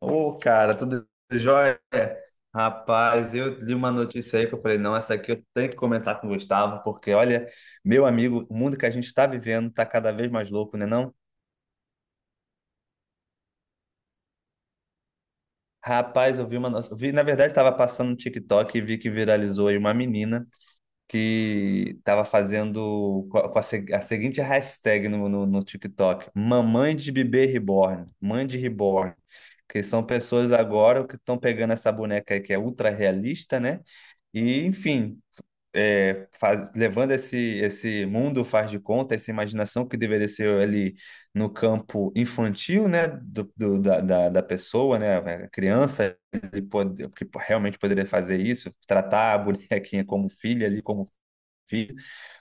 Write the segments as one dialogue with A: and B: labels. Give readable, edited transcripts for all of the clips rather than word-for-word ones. A: Ô, cara, tudo jóia? Rapaz, eu li uma notícia aí que eu falei, não, essa aqui eu tenho que comentar com o Gustavo, porque olha, meu amigo, o mundo que a gente está vivendo tá cada vez mais louco, né não? Rapaz, eu vi uma, eu vi, na verdade, estava passando no TikTok e vi que viralizou aí uma menina. Que estava fazendo com a, a seguinte hashtag no TikTok: mamãe de bebê reborn, mãe de reborn. Que são pessoas agora que estão pegando essa boneca aí que é ultra realista, né? E, enfim, é, levando esse mundo faz de conta, essa imaginação que deveria ser ali no campo infantil, né, da pessoa, né, a criança, ele pode, que realmente poderia fazer isso, tratar a bonequinha como filha ali, como filho,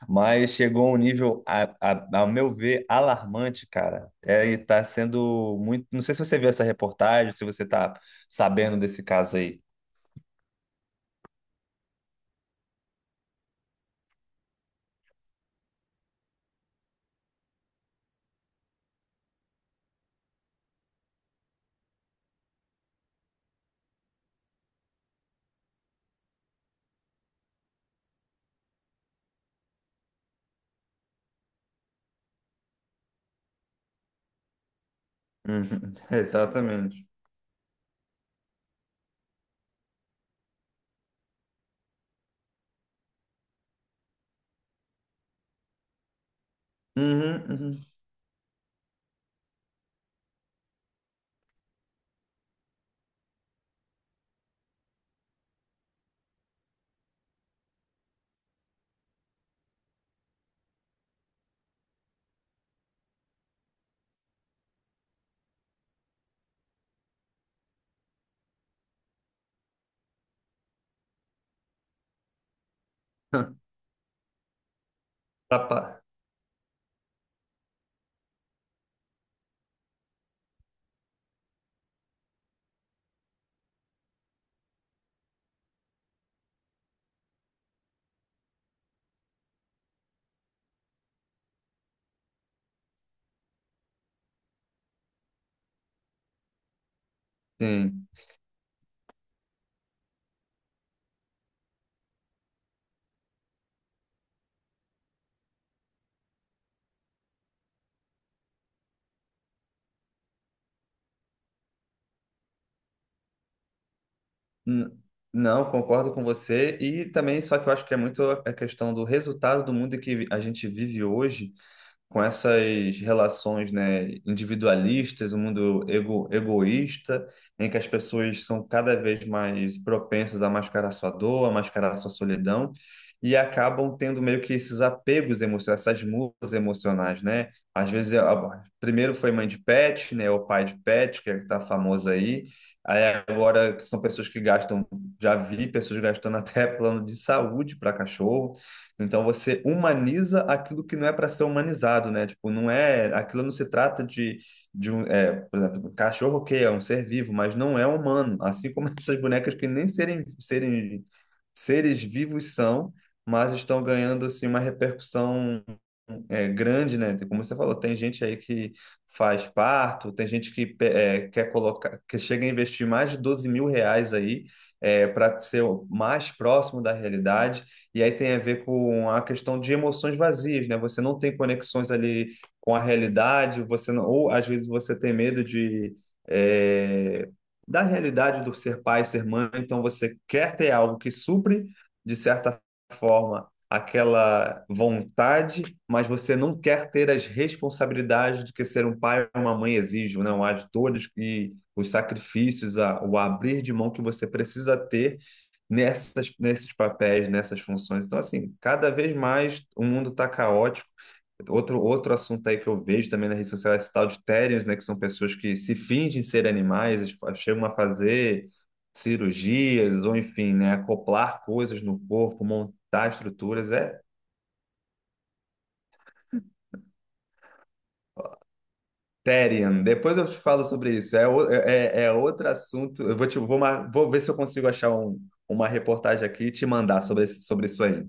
A: mas chegou a um nível, ao meu ver, alarmante, cara. É, e tá sendo muito. Não sei se você viu essa reportagem, se você tá sabendo desse caso aí. Uhum, exatamente. Uhum, uhum. Tá pa- Sim. N- Não, concordo com você. E também, só que eu acho que é muito a questão do resultado do mundo que a gente vive hoje com essas relações, né, individualistas, o um mundo ego, egoísta, em que as pessoas são cada vez mais propensas a mascarar sua dor, a mascarar sua solidão, e acabam tendo meio que esses apegos emocionais, essas mudas emocionais, né? Às vezes, primeiro foi mãe de pet, né, ou pai de pet, que é que tá famoso aí. Aí agora são pessoas que gastam, já vi pessoas gastando até plano de saúde para cachorro. Então você humaniza aquilo que não é para ser humanizado, né? Tipo, não é, aquilo não se trata de um, é, por exemplo, um cachorro que é um ser vivo, mas não é humano, assim como essas bonecas que nem serem seres vivos são, mas estão ganhando assim uma repercussão é, grande, né? Tipo, como você falou, tem gente aí que faz parto, tem gente que é, quer colocar, que chega a investir mais de 12 mil reais aí para ser o mais próximo da realidade. E aí tem a ver com a questão de emoções vazias, né? Você não tem conexões ali com a realidade, você não, ou às vezes você tem medo de é, da realidade do ser pai, ser mãe, então você quer ter algo que supre, de certa forma, aquela vontade, mas você não quer ter as responsabilidades do que ser um pai ou uma mãe exige, né? Há de todos e os sacrifícios, o abrir de mão que você precisa ter nessas, nesses papéis, nessas funções. Então, assim, cada vez mais o mundo está caótico. Outro assunto aí que eu vejo também na rede social é esse tal de Therians, né? Que são pessoas que se fingem ser animais, eles chegam a fazer cirurgias, ou enfim, né? Acoplar coisas no corpo, montar estruturas. É Therian. Depois eu te falo sobre isso. É, é, é outro assunto. Eu vou, te, vou, mar- vou ver se eu consigo achar uma reportagem aqui e te mandar sobre, sobre isso aí.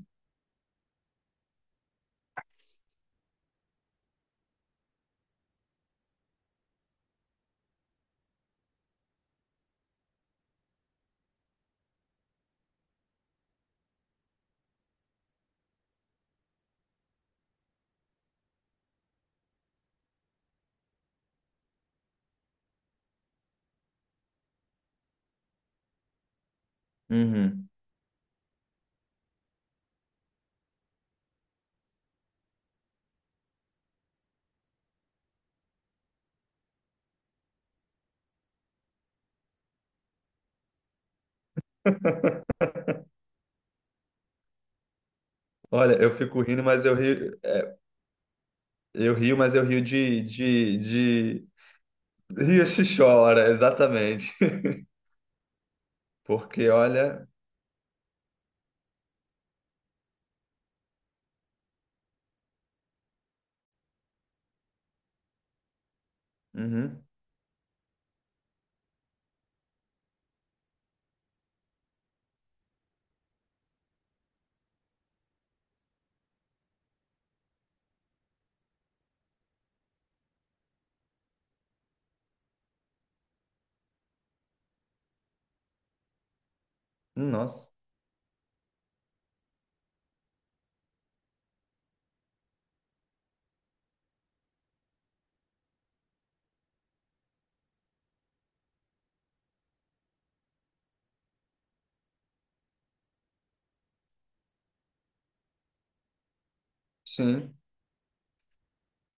A: Uhum. Olha, eu fico rindo, mas eu rio, mas eu rio de. Rio se chora, exatamente. Porque, olha, uhum, nossa, sim,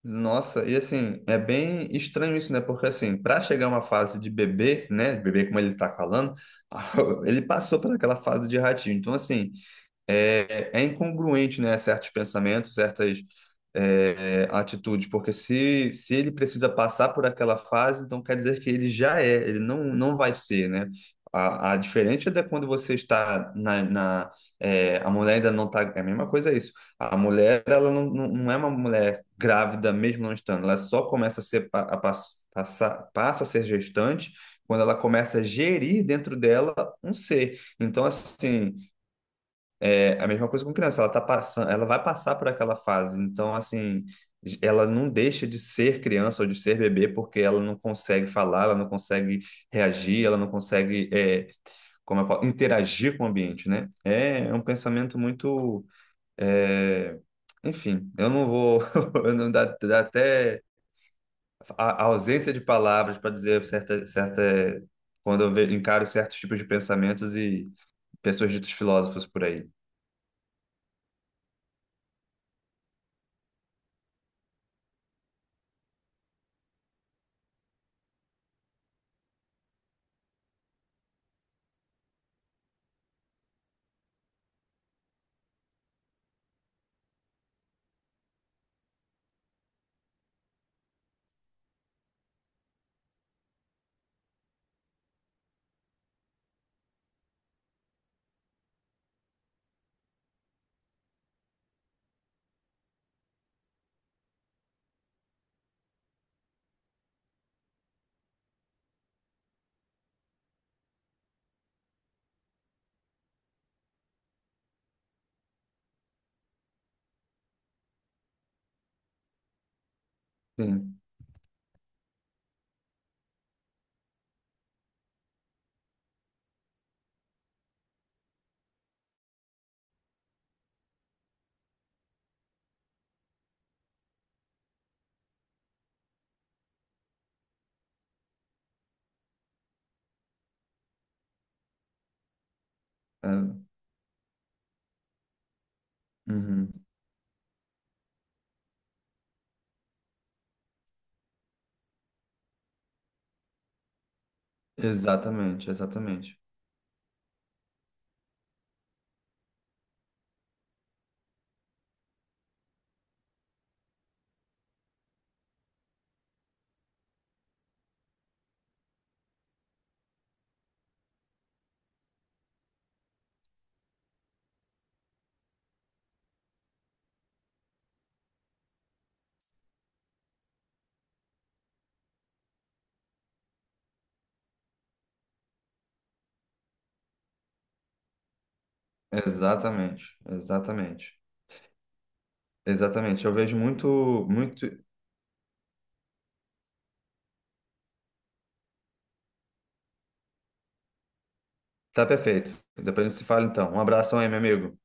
A: nossa, e assim, é bem estranho isso, né? Porque assim, para chegar a uma fase de bebê, né, bebê como ele tá falando, ele passou por aquela fase de ratinho. Então, assim, é, é incongruente, né, certos pensamentos, certas é, atitudes, porque se ele precisa passar por aquela fase, então quer dizer que ele já é, ele não, não vai ser, né? A diferente é da quando você está na é, a mulher ainda não está, é a mesma coisa isso. A mulher, ela não, não é uma mulher grávida mesmo não estando, ela só começa a ser, pa- a, pass- passar passa a ser gestante quando ela começa a gerir dentro dela um ser. Então, assim, é a mesma coisa com criança, ela tá passando, ela vai passar por aquela fase, então assim, ela não deixa de ser criança ou de ser bebê porque ela não consegue falar, ela não consegue reagir, ela não consegue, é, como eu falo, interagir com o ambiente, né? É um pensamento muito, é, enfim, eu não vou, eu não dá, dá até a ausência de palavras para dizer certa, quando eu encaro certos tipos de pensamentos e pessoas ditas filósofos por aí. Sim. É. Uhum. Exatamente. Exatamente. Exatamente. Eu vejo muito. Tá perfeito. Depois a gente se fala então. Um abração aí, meu amigo.